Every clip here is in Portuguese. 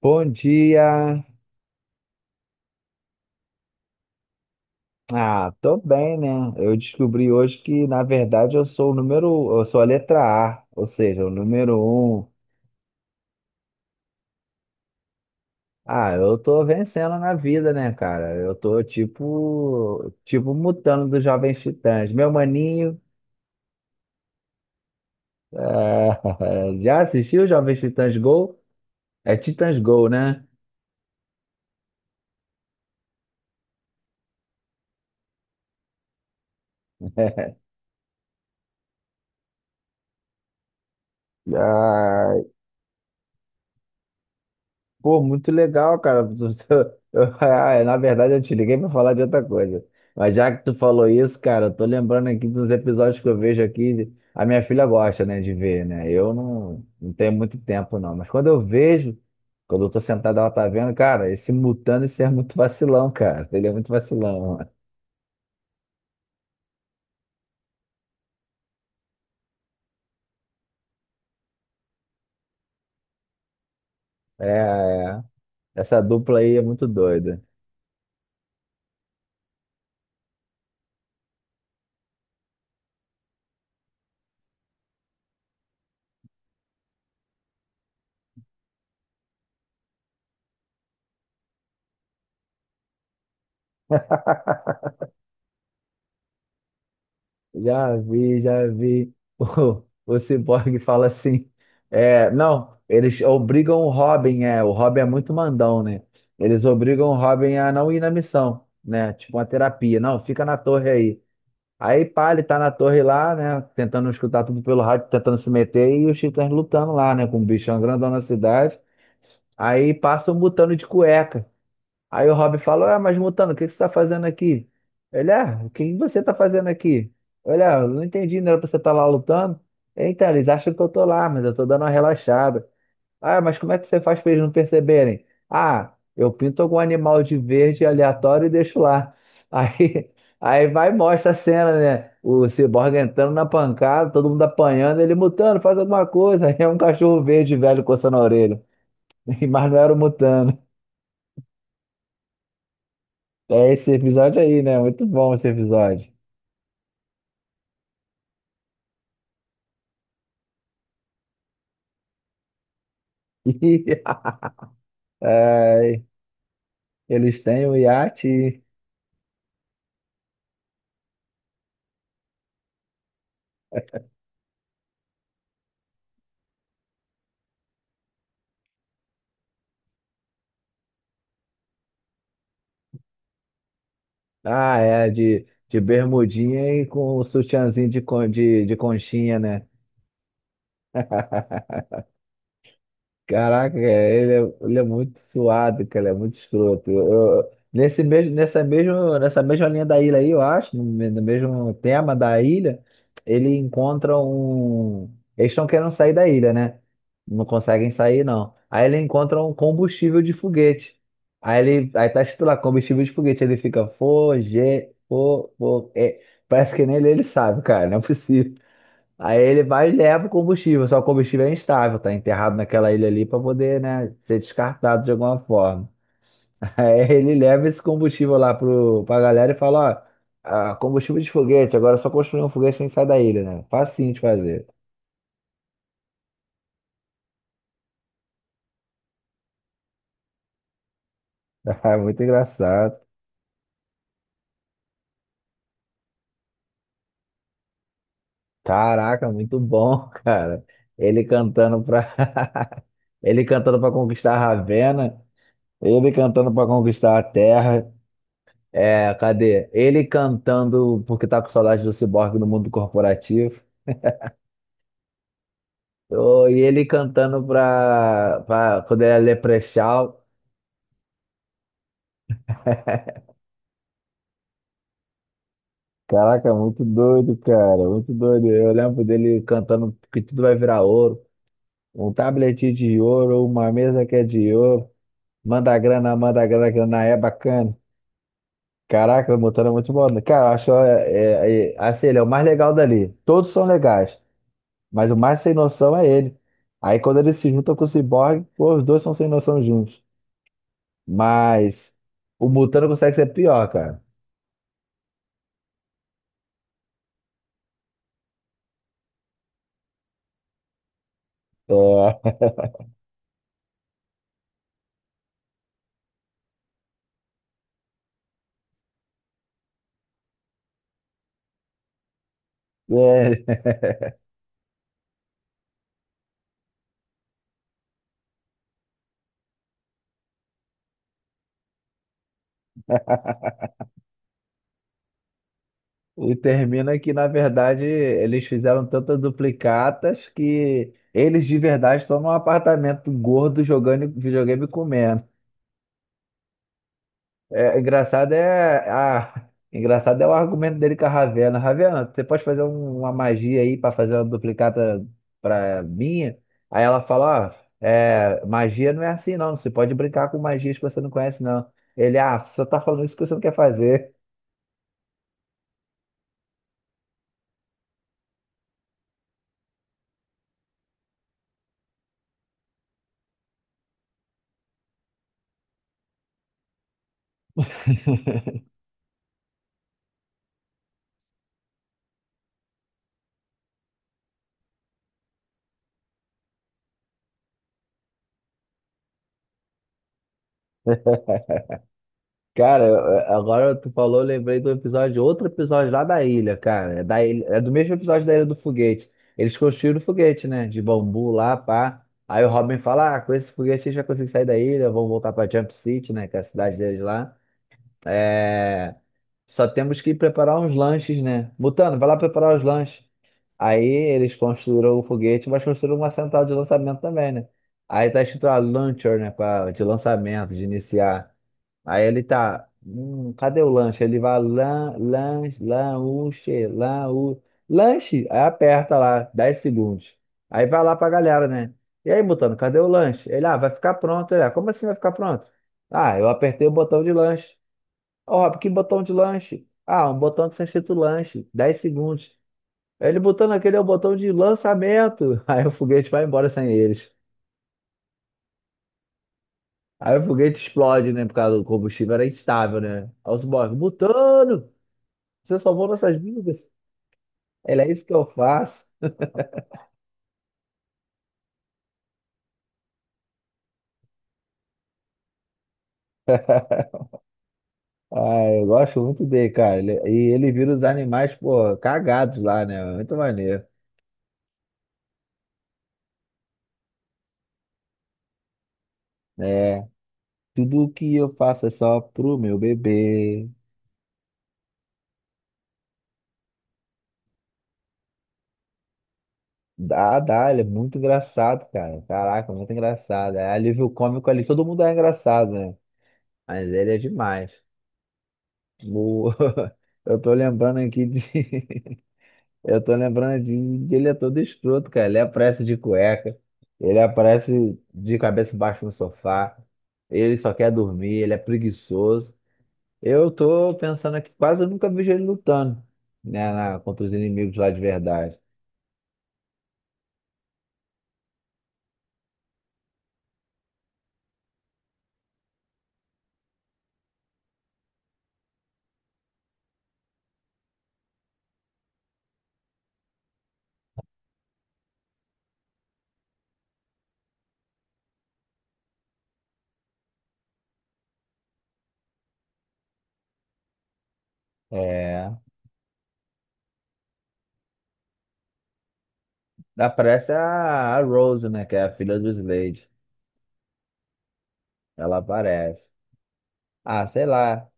Bom dia. Ah, tô bem, né? Eu descobri hoje que, na verdade, eu sou a letra A, ou seja, o número um. Ah, eu tô vencendo na vida, né, cara? Eu tô tipo, mutando dos Jovens Titãs. Meu maninho, já assistiu Jovens Titãs Go? É Titãs Go, né? Ah, pô, muito legal, cara. Ah, é, na verdade, eu te liguei pra falar de outra coisa. Mas já que tu falou isso, cara, eu tô lembrando aqui dos episódios que eu vejo aqui. A minha filha gosta, né, de ver, né? Eu não tenho muito tempo, não. Mas quando eu vejo, quando eu tô sentado, ela tá vendo, cara, esse Mutano, esse é muito vacilão, cara. Ele é muito vacilão. É, é. Essa dupla aí é muito doida. Já vi, já vi. O Cyborg fala assim: é, não, eles obrigam o Robin é muito mandão, né? Eles obrigam o Robin a não ir na missão, né? Tipo uma terapia. Não, fica na torre aí. Aí, pá, ele tá na torre lá, né? Tentando escutar tudo pelo rádio, tentando se meter, e os titãs lutando lá, né? Com o bichão grandão na cidade. Aí passa um mutano de cueca. Aí o Rob falou: ah, mas Mutano, o que que você está fazendo aqui? Ele, ah, o que você está fazendo aqui? Olha, eu não entendi, não era pra você estar lá lutando. Então, eles acham que eu tô lá, mas eu tô dando uma relaxada. Ah, mas como é que você faz pra eles não perceberem? Ah, eu pinto algum animal de verde aleatório e deixo lá. Aí, aí vai e mostra a cena, né? O Cyborg entrando na pancada, todo mundo apanhando, ele Mutano, faz alguma coisa. Aí é um cachorro verde velho coçando a orelha. Mas não era o Mutano. É esse episódio aí, né? Muito bom esse episódio. Ai, eles têm o iate, ah, é, de bermudinha e com o sutiãzinho de conchinha, né? Caraca, cara, ele é muito suado, cara, ele é muito escroto. Nesse mesmo, nessa mesma linha da ilha aí, eu acho, no mesmo tema da ilha, ele encontra um. Eles estão querendo sair da ilha, né? Não conseguem sair, não. Aí ele encontra um combustível de foguete. Aí tá escrito lá, combustível de foguete. Ele fica, foge, fo, fo, é. Parece que nem ele sabe, cara, não é possível. Aí ele vai e leva o combustível, só o combustível é instável, tá enterrado naquela ilha ali para poder, né, ser descartado de alguma forma. Aí ele leva esse combustível lá pra galera e fala: ó, ah, combustível de foguete, agora é só construir um foguete que a gente sai da ilha, né? Facinho de fazer. Ah, muito engraçado. Caraca, muito bom, cara. Ele cantando ele cantando para conquistar Ravenna, ele cantando para conquistar a Terra. É, cadê? Ele cantando porque tá com saudade do Cyborg no mundo corporativo. Ô, e ele cantando pra quando ele é Leprechaun. Caraca, muito doido, cara, muito doido. Eu lembro dele cantando que tudo vai virar ouro. Um tablet de ouro, uma mesa que é de ouro. Manda grana, grana é bacana. Caraca, o Mutano é muito bom. Cara, eu acho é, assim, ele é o mais legal dali. Todos são legais. Mas o mais sem noção é ele. Aí quando ele se junta com o Cyborg, pô, os dois são sem noção juntos. Mas o Mutano consegue ser pior, cara. É, é. E termina que, na verdade, eles fizeram tantas duplicatas que eles de verdade estão num apartamento gordo jogando videogame e comendo. É engraçado é o argumento dele com a Ravena. Ravena, você pode fazer uma magia aí para fazer uma duplicata para minha? Aí ela fala, ó, é, magia não é assim não. Você pode brincar com magias que você não conhece não. Ele, ah, você só tá falando isso porque você não quer fazer. Cara, agora tu falou, eu lembrei do episódio, outro episódio lá da ilha, cara. É, da ilha, é do mesmo episódio da Ilha do Foguete. Eles construíram o foguete, né? De bambu lá, pá. Aí o Robin fala: ah, com esse foguete a gente vai conseguir sair da ilha, vamos voltar pra Jump City, né? Que é a cidade deles lá. É... Só temos que preparar uns lanches, né? Mutano, vai lá preparar os lanches. Aí eles construíram o foguete, mas construíram uma central de lançamento também, né? Aí tá escrito a Launcher, né? Pra- de lançamento, de iniciar. Aí ele tá, cadê o lanche? Ele vai lanche, lanche, lanche, lanche. Aí aperta lá, 10 segundos. Aí vai lá pra galera, né? E aí, Mutano, cadê o lanche? Ele, ah, vai ficar pronto. Ele, ah, como assim vai ficar pronto? Ah, eu apertei o botão de lanche. Ó, Rob, que botão de lanche? Ah, um botão que está escrito lanche, 10 segundos. Aí ele botando aquele é o botão de lançamento. Aí o foguete vai embora sem eles. Aí o foguete explode, né? Por causa do combustível era instável, né? Aí os boys, Mutano! Você salvou nossas vidas. Ele é isso que eu faço. Ah, eu gosto muito dele, cara. Ele- e ele vira os animais, pô, cagados lá, né? Muito maneiro. É, tudo que eu faço é só pro meu bebê. Dá, dá, ele é muito engraçado, cara. Caraca, muito engraçado. É alívio cômico ali, todo mundo é engraçado, né? Mas ele é demais. O- Eu tô lembrando aqui de. Eu tô lembrando de que ele é todo escroto, cara. Ele aparece de cueca, ele aparece de cabeça baixa no sofá, ele só quer dormir, ele é preguiçoso. Eu tô pensando aqui, quase eu nunca vejo ele lutando, né, na- contra os inimigos lá de verdade. É. Aparece a Rose, né, que é a filha do Slade. Ela aparece. Ah, sei lá.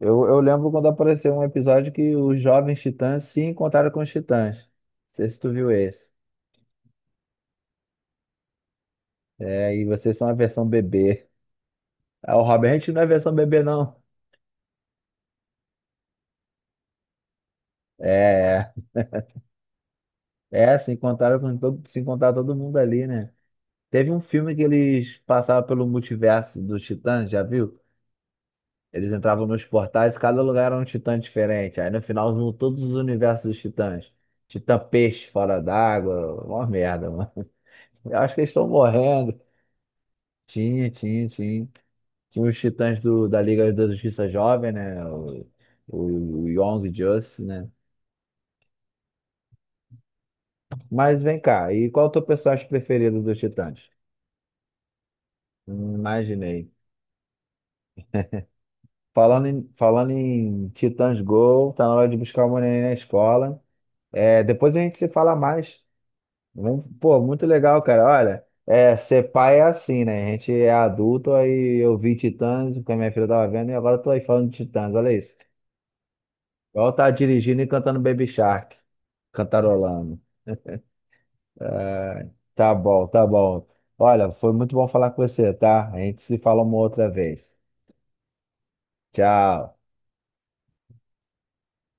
Eu lembro quando apareceu um episódio que os jovens titãs se encontraram com os titãs. Não sei se tu viu esse. É, e vocês são a versão bebê. Ah, o Robert, a gente não é versão bebê, não. É, é, se encontraram com todo, se encontrar todo mundo ali, né? Teve um filme que eles passavam pelo multiverso dos Titãs, já viu? Eles entravam nos portais, cada lugar era um Titã diferente. Aí no final vinham todos os universos dos Titãs. Titã peixe fora d'água, uma merda, mano. Eu acho que eles estão morrendo. Tinha, tinha, tinha. Tinha os Titãs do, da Liga da Justiça Jovem, né? O Young Justice, né? Mas vem cá, e qual o teu personagem preferido dos Titãs? Imaginei. Falando em Titãs Go, tá na hora de buscar o neném na escola. É, depois a gente se fala mais. Vamos- pô, muito legal, cara. Olha, é, ser pai é assim, né? A gente é adulto, aí eu vi Titãs, porque a minha filha tava vendo, e agora eu tô aí falando de Titãs, olha isso. Igual tá dirigindo e cantando Baby Shark, cantarolando. É, tá bom, tá bom. Olha, foi muito bom falar com você, tá? A gente se fala uma outra vez. Tchau.